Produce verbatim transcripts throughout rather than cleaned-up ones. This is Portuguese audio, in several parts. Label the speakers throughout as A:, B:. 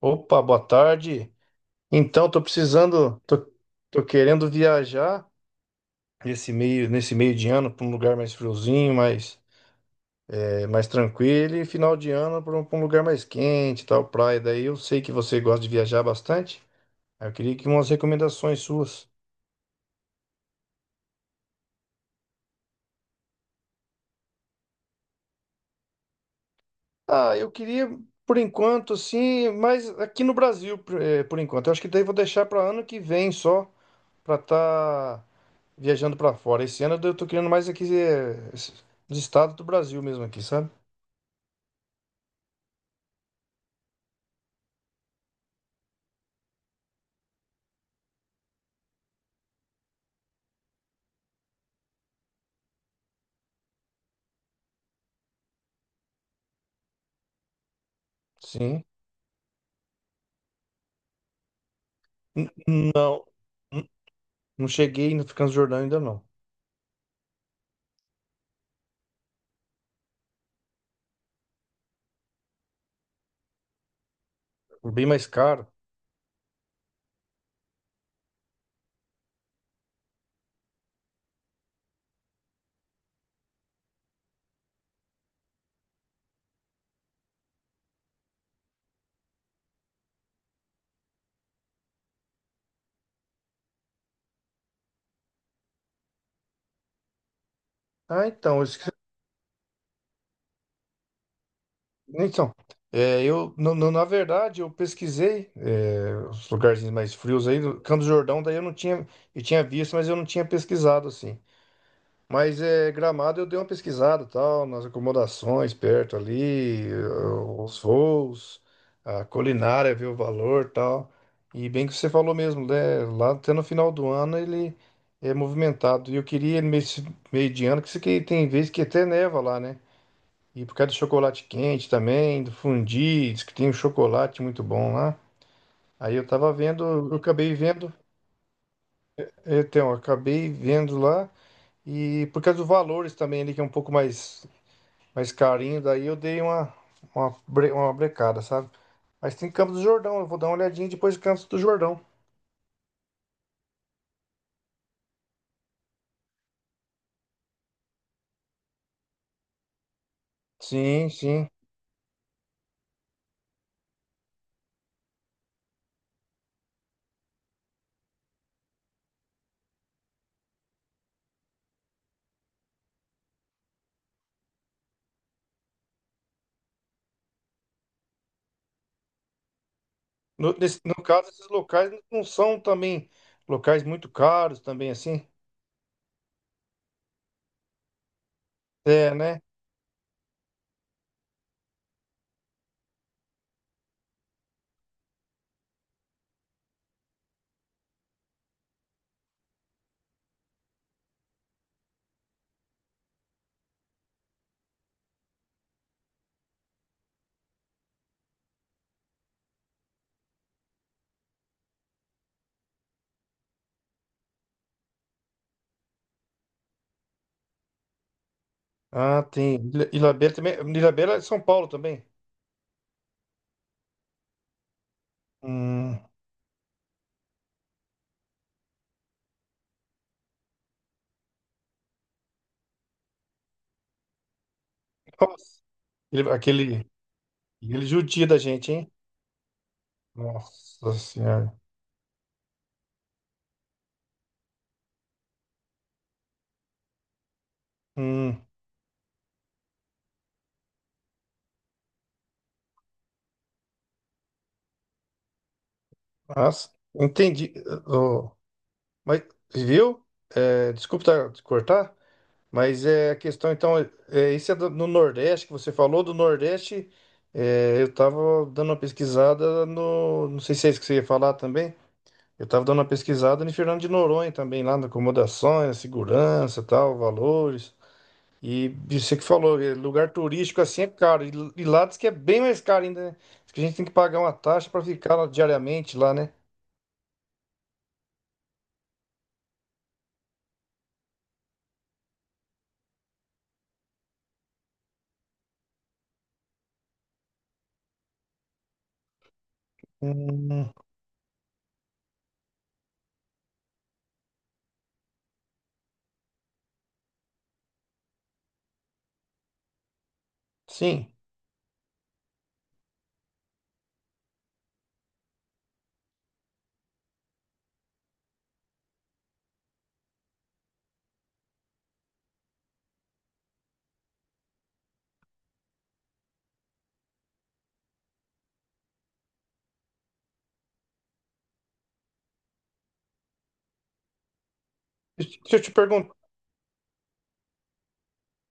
A: Opa, boa tarde. Então, tô precisando, tô, tô querendo viajar nesse meio, nesse meio de ano para um lugar mais friozinho, mais, é, mais tranquilo, e final de ano para um, pra um lugar mais quente, tal, praia. Daí eu sei que você gosta de viajar bastante. Aí eu queria que umas recomendações suas. Ah, eu queria, por enquanto, assim, mas aqui no Brasil, por, é, por enquanto. Eu acho que daí eu vou deixar para ano que vem só, para estar viajando pra fora. Esse ano eu tô querendo mais aqui eh, nos estados do Brasil mesmo aqui, sabe? Sim. N- Não, n- não cheguei no Transjordânia ainda não. Foi bem mais caro. Ah, então, isso que- então, é, eu no, no- na verdade eu pesquisei, é, os lugarzinhos mais frios aí, do Campos do Jordão, daí eu não tinha, eu tinha visto, mas eu não tinha pesquisado assim. Mas é, Gramado eu dei uma pesquisada, tal, nas acomodações perto ali, eh, os voos, a culinária, ver o valor, tal. E bem que você falou mesmo, né? Lá até no final do ano ele é movimentado. E eu queria ele meio, meio de ano, que isso aqui tem vezes que até neva lá, né? E por causa do chocolate quente também, do fundi, diz que tem um chocolate muito bom lá. Aí eu tava vendo, eu acabei vendo, então, eu acabei vendo lá. E por causa dos valores também ali, que é um pouco mais mais carinho, daí eu dei uma, uma, bre- uma brecada, sabe? Mas tem Campos do Jordão, eu vou dar uma olhadinha depois de Campos do Jordão. Sim, sim. No, nesse- no caso, esses locais não são também locais muito caros também, assim. É, né? Ah, tem. Ilha- Ilhabela também. Ilhabela é de São Paulo também. Hum, nossa. Ele- Aquele, aquele judia da gente, hein? Nossa senhora. Hum, nossa, entendi. Ô, mas, viu? É, desculpa tá- te cortar, mas é a questão, então, é, isso é do- no Nordeste, que você falou do Nordeste, é, eu tava dando uma pesquisada no, não sei se é isso que você ia falar também, eu tava dando uma pesquisada em Fernando de Noronha também, lá na acomodações, segurança, tal, valores, e você que falou, é, lugar turístico assim é caro, e, e lá diz que é bem mais caro ainda, né? Diz que a gente tem que pagar uma taxa para ficar lá diariamente lá, né? Hum, sim. Deixa eu te perguntar.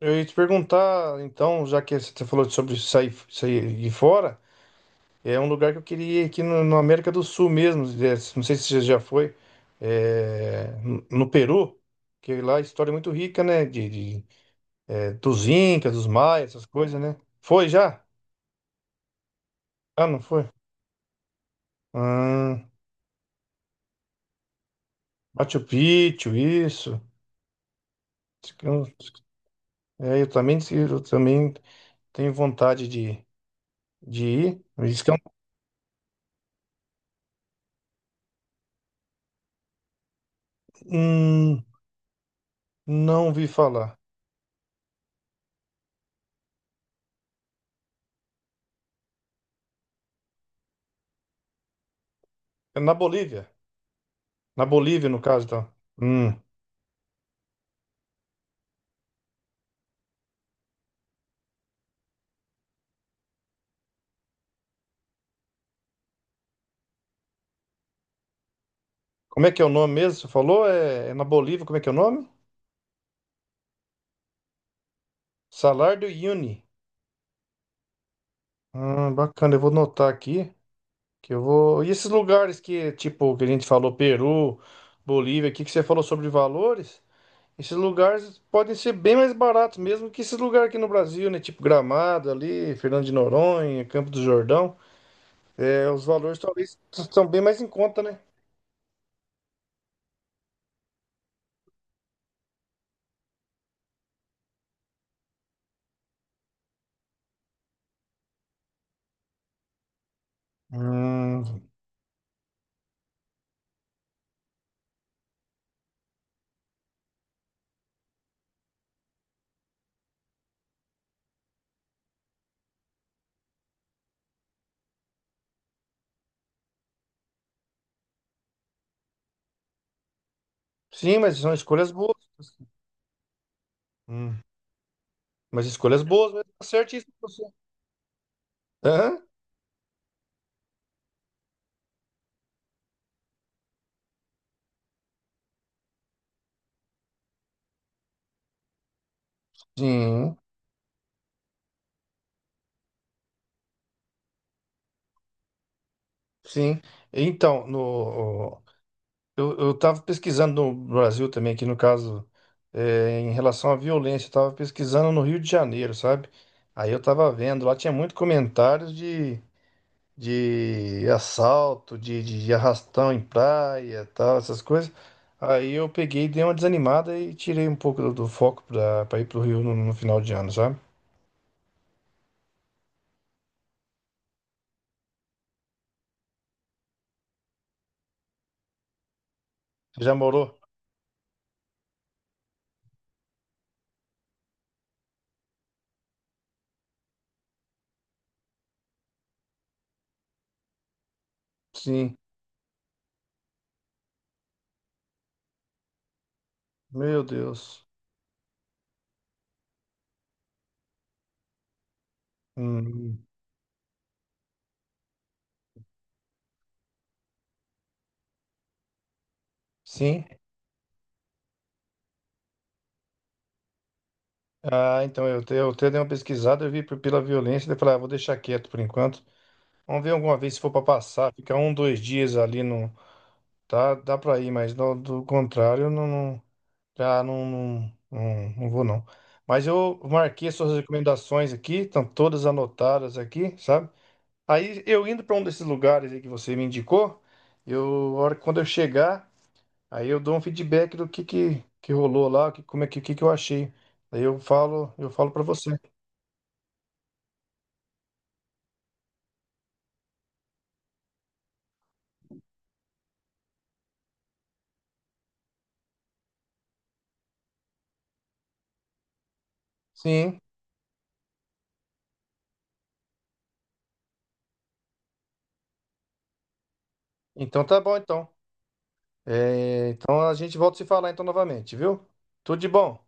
A: Eu ia te perguntar, então, já que você falou sobre sair, sair de fora, é um lugar que eu queria ir aqui no, no América do Sul mesmo. É, não sei se você já foi, é, no no Peru, que lá a história é muito rica, né? De, de- é, dos Incas, dos Maias, essas coisas, né? Foi já? Ah, não foi? Hum, Machu Picchu, isso. Eu- É, eu também, eu também tenho vontade de, de ir. Isso que eu. Hum, não vi falar. É na Bolívia. Na Bolívia, no caso, então. Hum. Como é que é o nome mesmo? Você falou? É, é na Bolívia, como é que é o nome? Salar do Uyuni. Hum, bacana, eu vou notar aqui. Que eu vou... E esses lugares que, tipo, que a gente falou, Peru, Bolívia, aqui que você falou sobre valores, esses lugares podem ser bem mais baratos mesmo que esses lugares aqui no Brasil, né? Tipo Gramado ali, Fernando de Noronha, Campo do Jordão. É, os valores talvez estão bem mais em conta, né? Hum, sim, mas são escolhas boas. Uhum. Mas escolhas boas, mesmo. Tá certíssimo você. Hã? Sim, sim. Então, no, eu, eu estava pesquisando no Brasil também, aqui no caso, é, em relação à violência, eu estava pesquisando no Rio de Janeiro, sabe? Aí eu estava vendo, lá tinha muito comentários de, de assalto, de, de arrastão em praia, tal, essas coisas. Aí eu peguei, dei uma desanimada e tirei um pouco do, do foco para ir para o Rio no, no final de ano, sabe? Você já morou? Sim. Meu Deus. Hum, sim. Ah, então eu, te- eu até dei uma pesquisada, eu vi por- pela violência, daí eu falei, ah, vou deixar quieto por enquanto. Vamos ver alguma vez se for para passar, ficar um, dois dias ali no, tá, dá para ir, mas no- do contrário, eu não, não- já não, não, não, não vou não. Mas eu marquei as suas recomendações aqui, estão todas anotadas aqui, sabe? Aí eu indo para um desses lugares aí que você me indicou, eu, a hora quando eu chegar, aí eu dou um feedback do que que, que rolou lá, que, como é que, que que eu achei. Aí eu falo, eu falo para você. Sim. Então tá bom então. É, então a gente volta a se falar então novamente, viu? Tudo de bom.